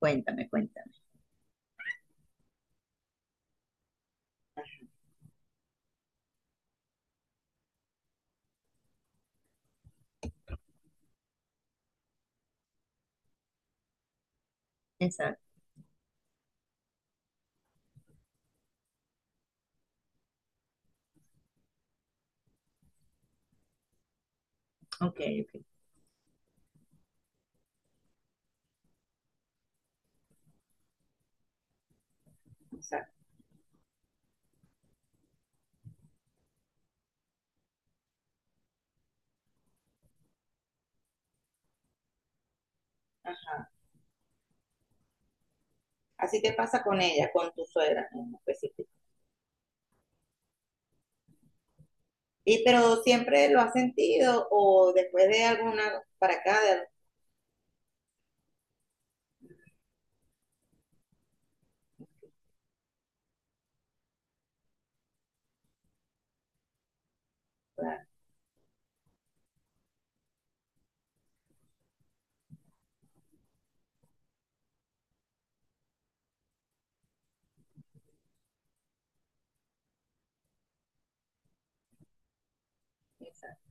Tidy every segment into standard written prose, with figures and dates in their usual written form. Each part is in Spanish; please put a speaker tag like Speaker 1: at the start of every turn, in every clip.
Speaker 1: Cuéntame, cuéntame. Exacto. Ok, ok. Exacto. Ah, así te pasa con ella, con tu suegra en específico. Y pero siempre lo has sentido o después de alguna para acá de claro, exacto.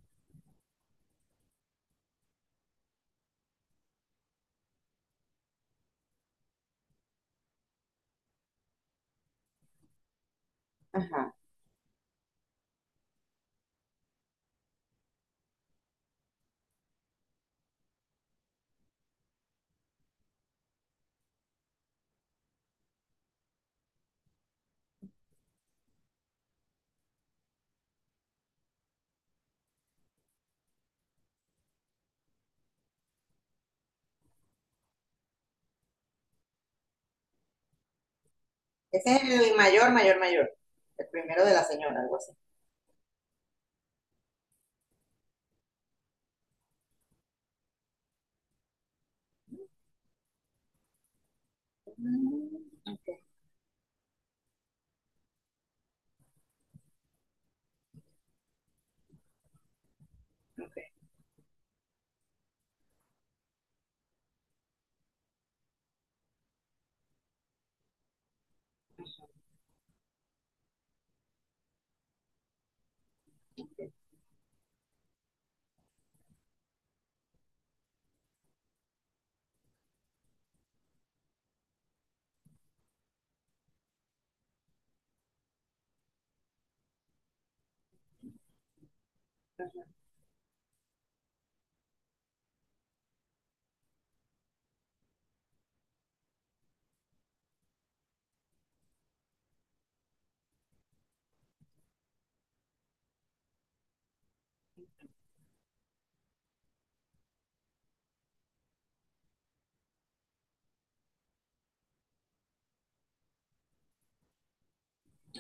Speaker 1: Ajá. Ese es el mayor, mayor, mayor. El primero de la señora, algo así. Mm, ok, ok, ok,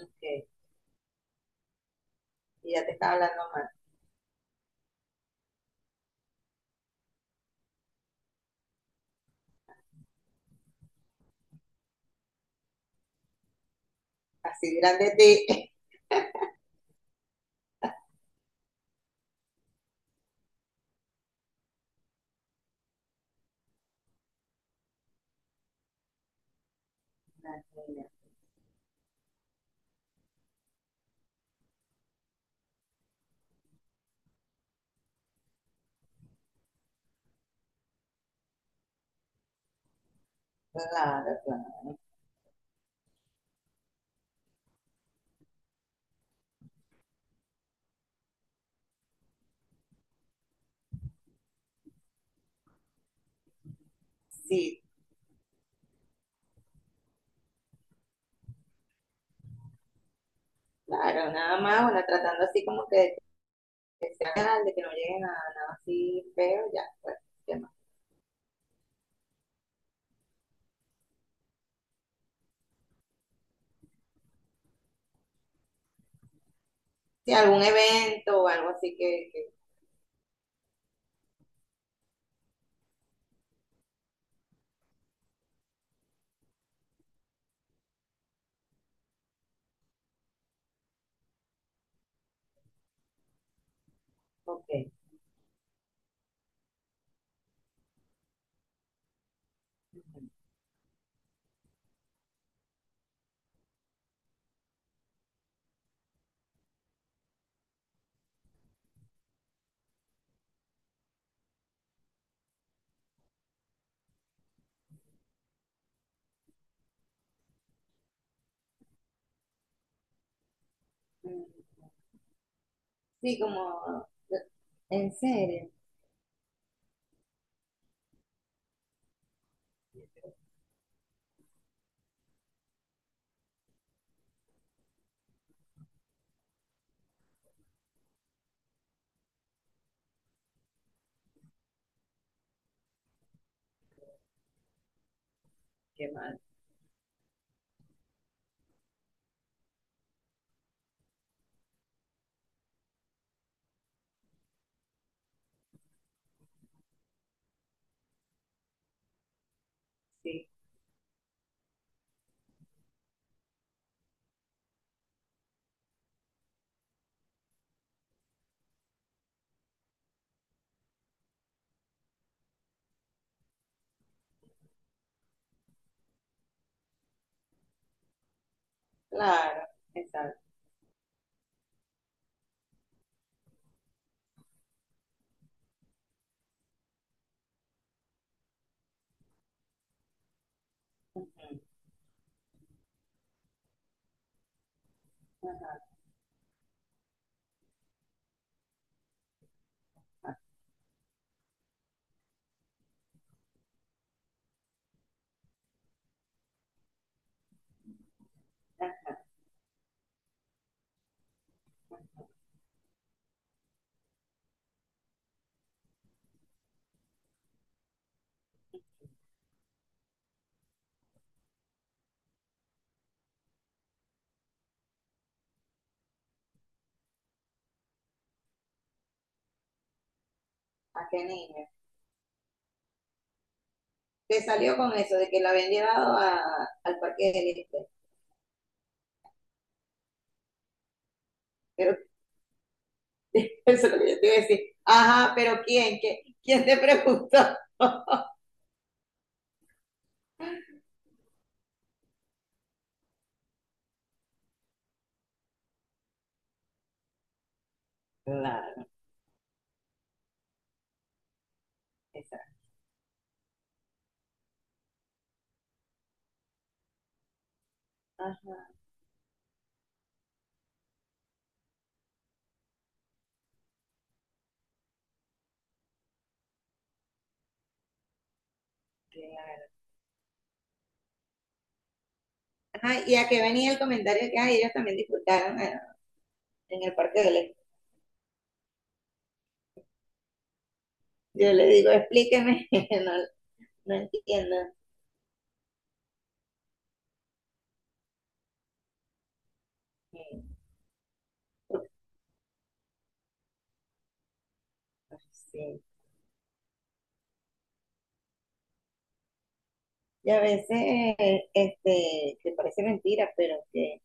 Speaker 1: ok. Y ya te está hablando más. Así dirán de ti. La niña. Claro, claro. Sí, claro, nada más, bueno, tratando así como que canal, de que no lleguen a nada así feo, ya, pues, ¿qué más? Si algún evento o algo así que ok. Mm, sí, como, en serio, qué mal, sí, claro, exacto. Ah, ¿a qué niño? Te salió con eso de que la habían llevado a- al Parque del Este. Pero eso es lo que yo te iba a decir. Ajá, pero ¿quién? ¿Qué- ¿quién te preguntó? Claro, exacto. Ajá, qué ajá, y ¿a qué venía el comentario que ay, ellos también disfrutaron? En el parque yo le digo, explíqueme. No, no entiendo. Porque, sí. Y a veces, que parece mentira, pero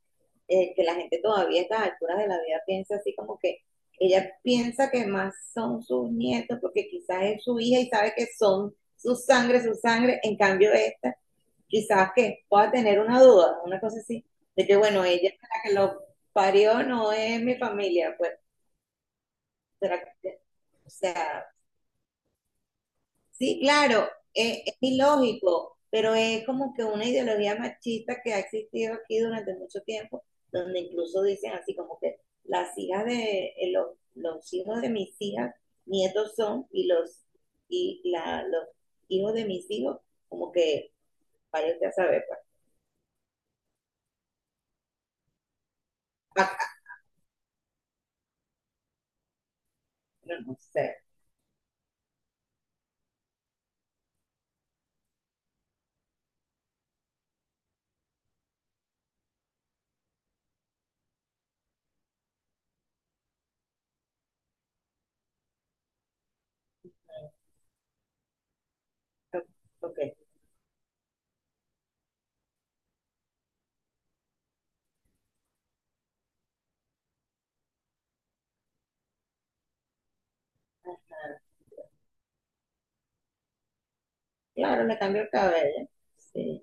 Speaker 1: que la gente todavía a estas alturas de la vida piensa así como que ella piensa que más son sus nietos porque quizás es su hija y sabe que son su sangre, en cambio esta, quizás que pueda tener una duda, una cosa así, de que bueno, ella es la que lo parió, no es mi familia, pues, será que, o sea, sí, claro, es ilógico, pero es como que una ideología machista que ha existido aquí durante mucho tiempo, donde incluso dicen así como que las hijas de los hijos de mis hijas, nietos son, y los y la, los hijos de mis hijos, como que parece a saber, pues. Ah, ah, no, no sé. No, no, ok, claro, le cambio el cabello. Sí.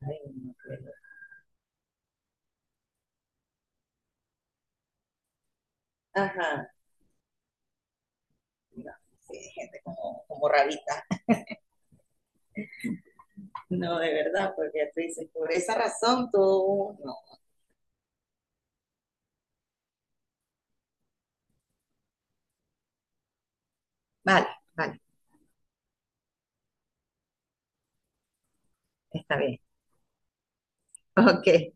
Speaker 1: Ay, no creo. Ajá, no, sí, gente como, como rarita. No, de verdad, porque tú dices, por esa razón tú no. Vale, vale, está bien. Ok.